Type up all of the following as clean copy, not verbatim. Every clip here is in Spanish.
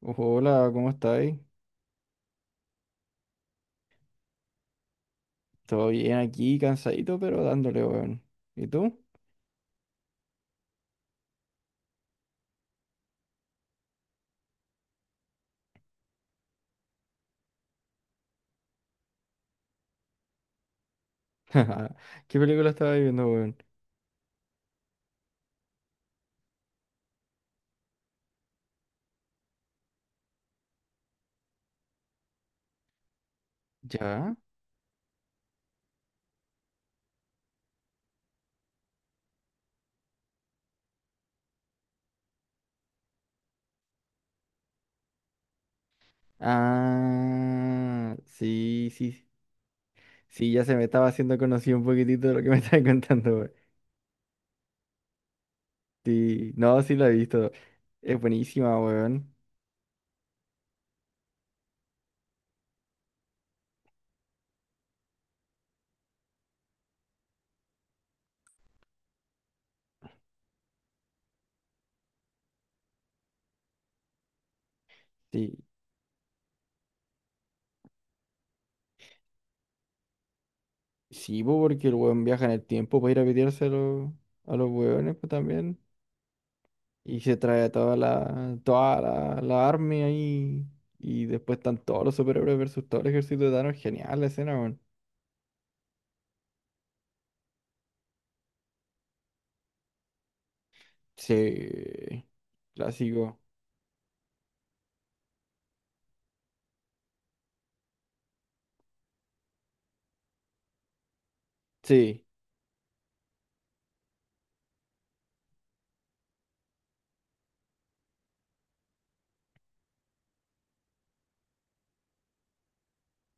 Hola, ¿cómo estáis? Todo bien aquí, cansadito, pero dándole, weón. ¿Y tú? ¿Qué película estabas viendo, weón? ¿Ya? Ah, sí, sí. Sí, ya se me estaba haciendo conocido un poquitito de lo que me estabas contando, weón. Sí, no, sí la he visto. Es buenísima, weón. Sí, sí, po, porque el weón viaja en el tiempo para ir a pitearse a los, weones, pues también. Y se trae a toda la army ahí. Y después están todos los superhéroes versus todo el ejército de Thanos. Genial la escena, weón. Sí. Clásico. Sí.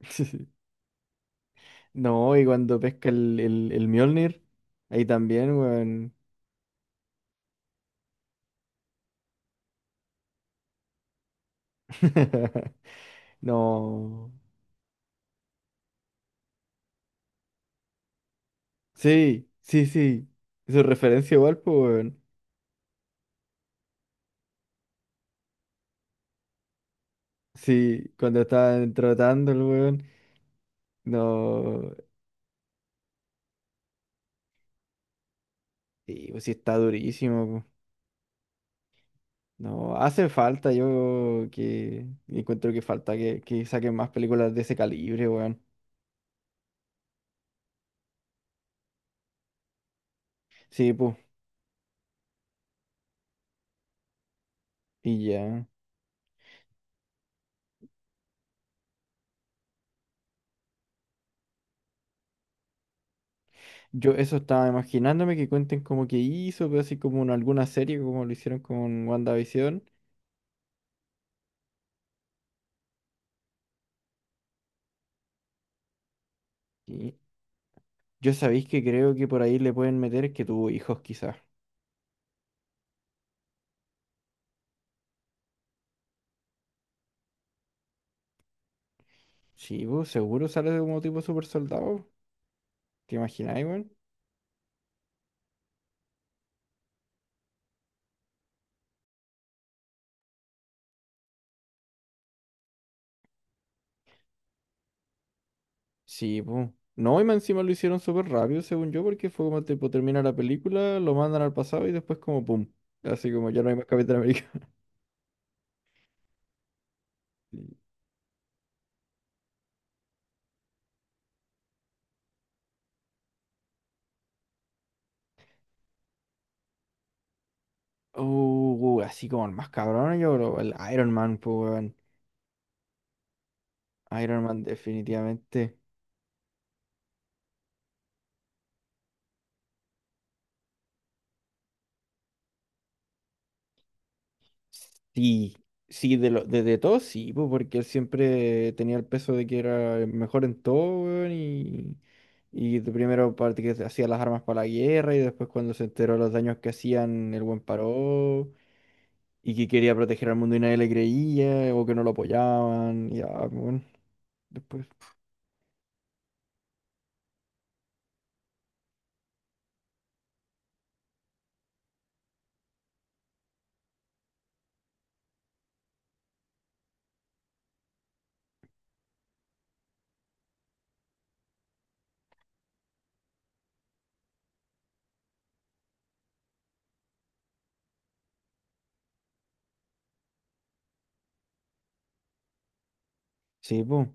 No, y cuando pesca el Mjolnir, ahí también, weón. No. Sí, sí, sí. Su referencia igual, pues, weón. Sí, cuando estaban trotando el weón. No. Y pues sí está durísimo. No, hacen falta, yo que encuentro que falta que saquen más películas de ese calibre, weón. Sí, pues, y ya. Yo eso estaba imaginándome que cuenten como que hizo, pero así como en alguna serie, como lo hicieron con WandaVision. Y yo sabéis que creo que por ahí le pueden meter que tuvo hijos quizás. Sí, pues, seguro sale de como tipo super soldado. ¿Te imagináis, weón? Sí, po. No, y más encima lo hicieron súper rápido, según yo, porque fue como tipo termina la película, lo mandan al pasado y después como pum. Así como ya no hay más Capitán América. Así como el más cabrón, yo creo, el Iron Man, pues, weón. Iron Man definitivamente. Sí, sí, de lo, de todo sí, pues, porque él siempre tenía el peso de que era el mejor en todo, weón, y, de primero parte que hacía las armas para la guerra y después cuando se enteró los daños que hacían, el buen paró. Y que quería proteger al mundo y nadie le creía, o que no lo apoyaban, y ah, bueno, después, sí, pues,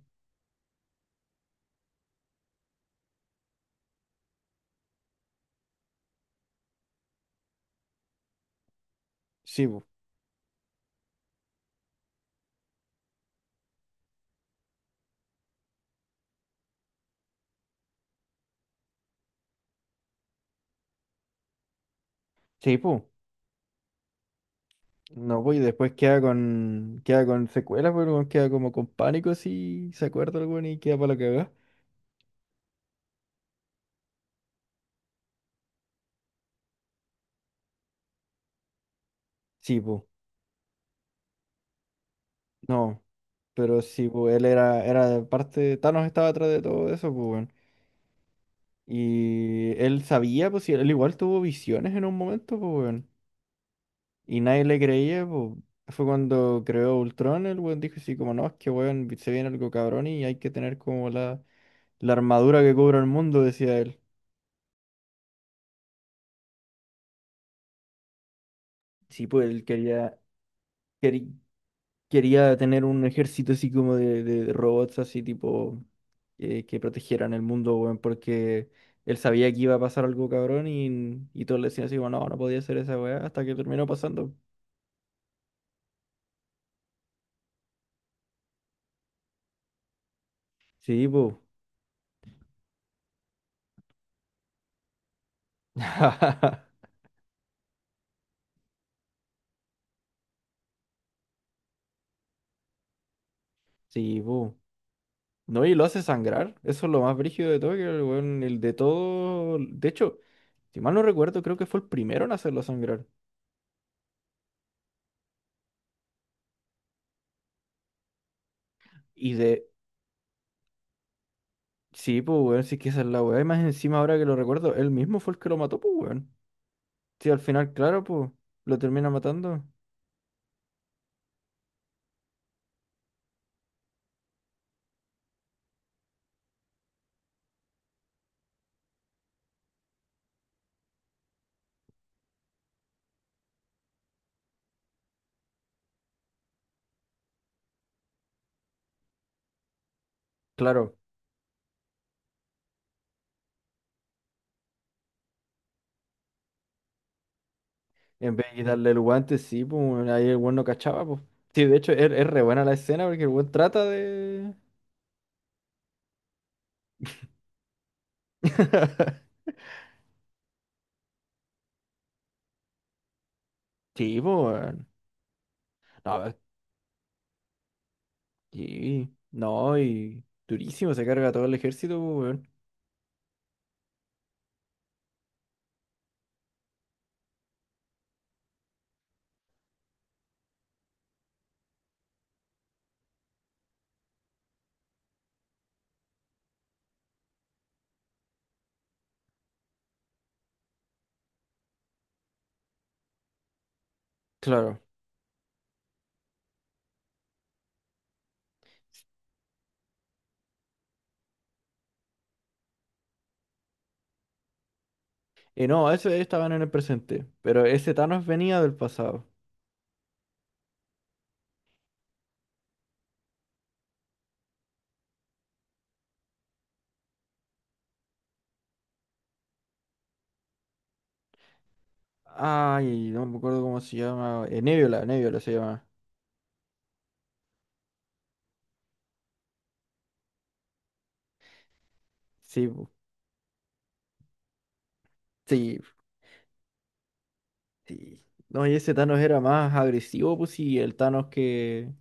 sí, pues, sí, pues, no, pues, y después queda con, secuelas, pues, weón, queda como con pánico, si se acuerda el weón y queda para la cagada, sí, pues, no, pero sí, pues, él era parte, Thanos estaba atrás de todo eso, pues, weón, y él sabía, pues, si él igual tuvo visiones en un momento, pues, weón. Y nadie le creía, po. Fue cuando creó Ultron, el weón dijo así como, no, es que weón, se viene algo cabrón y hay que tener como la, armadura que cubra el mundo, decía él. Sí, pues él quería, queri- quería tener un ejército así como de, robots así tipo que protegieran el mundo, weón, porque él sabía que iba a pasar algo cabrón y todos le decían así, bueno, no, no podía ser esa weá hasta que terminó pasando. Sí, pues. Sí, pues. No, y lo hace sangrar. Eso es lo más brígido de todo, que el weón, el de todo. De hecho, si mal no recuerdo, creo que fue el primero en hacerlo sangrar. Y de. Sí, pues, weón, sí que esa es la weá. Y más encima, ahora que lo recuerdo, él mismo fue el que lo mató, pues, weón. Sí, al final, claro, pues, lo termina matando. Claro, en vez de quitarle el guante, sí, pues, weón, ahí el weón no cachaba, pues. Sí, de hecho, es, re buena la escena porque el weón trata de. Sí, pues, weón. No, sí. No, y. Durísimo, se carga todo el ejército, pues, weón. Claro. Y no, ese estaban en el presente, pero ese Thanos venía del pasado. Ay, no me acuerdo cómo se llama. Nebula, Nebula se llama. Sí, sí, sí. No, y ese Thanos era más agresivo, pues, y el Thanos que,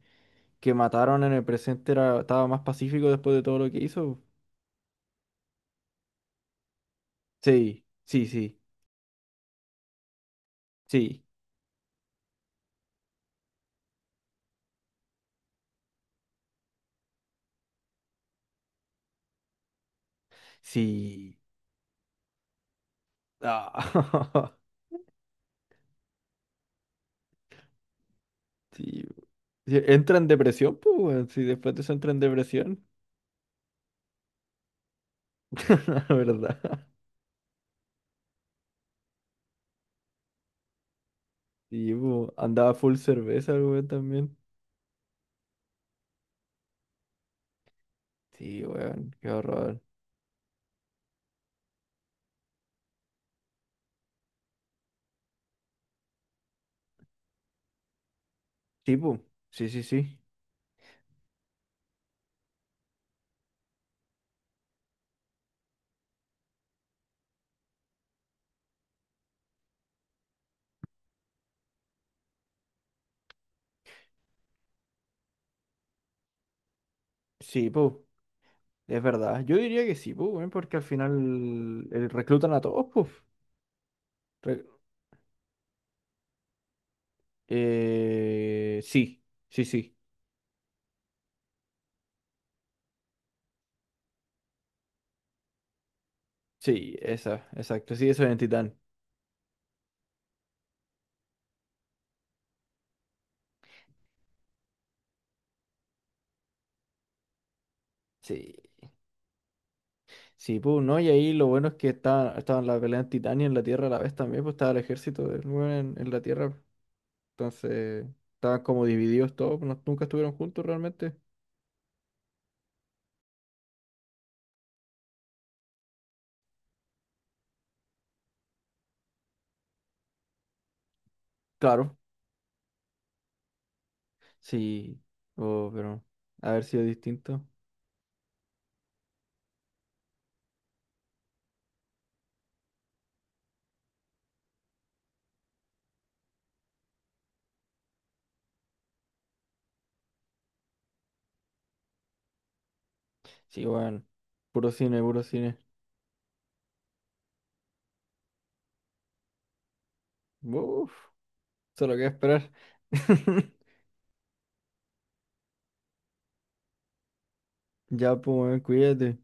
que mataron en el presente estaba más pacífico después de todo lo que hizo. Sí, sí, sí, sí, sí. Ah, sí. Sí, entra en depresión, pues, weón, si después de eso entra en depresión. La verdad. Sí, po, andaba full cerveza el weón también. Sí, weón, qué horror. Sí, po, sí, sí, sí. Sí, po, es verdad. Yo diría que sí, po, weón, porque al final reclutan a todos, po. Re- sí, sí, sí. Sí, esa, exacto. Sí, eso es en Titán. Sí. Sí, po, ¿no? Y ahí lo bueno es que estaban, la pelea en Titán y en la Tierra a la vez también, pues estaba el ejército del weón en la Tierra. Entonces, estaban como divididos todos, pues, nunca estuvieron juntos realmente. Claro. Sí, oh, pero haber sido distinto. Sí, bueno, puro cine, puro cine. Uf, solo queda esperar. Ya, pues, weón, cuídate.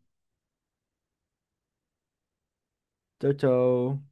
Chao, chao.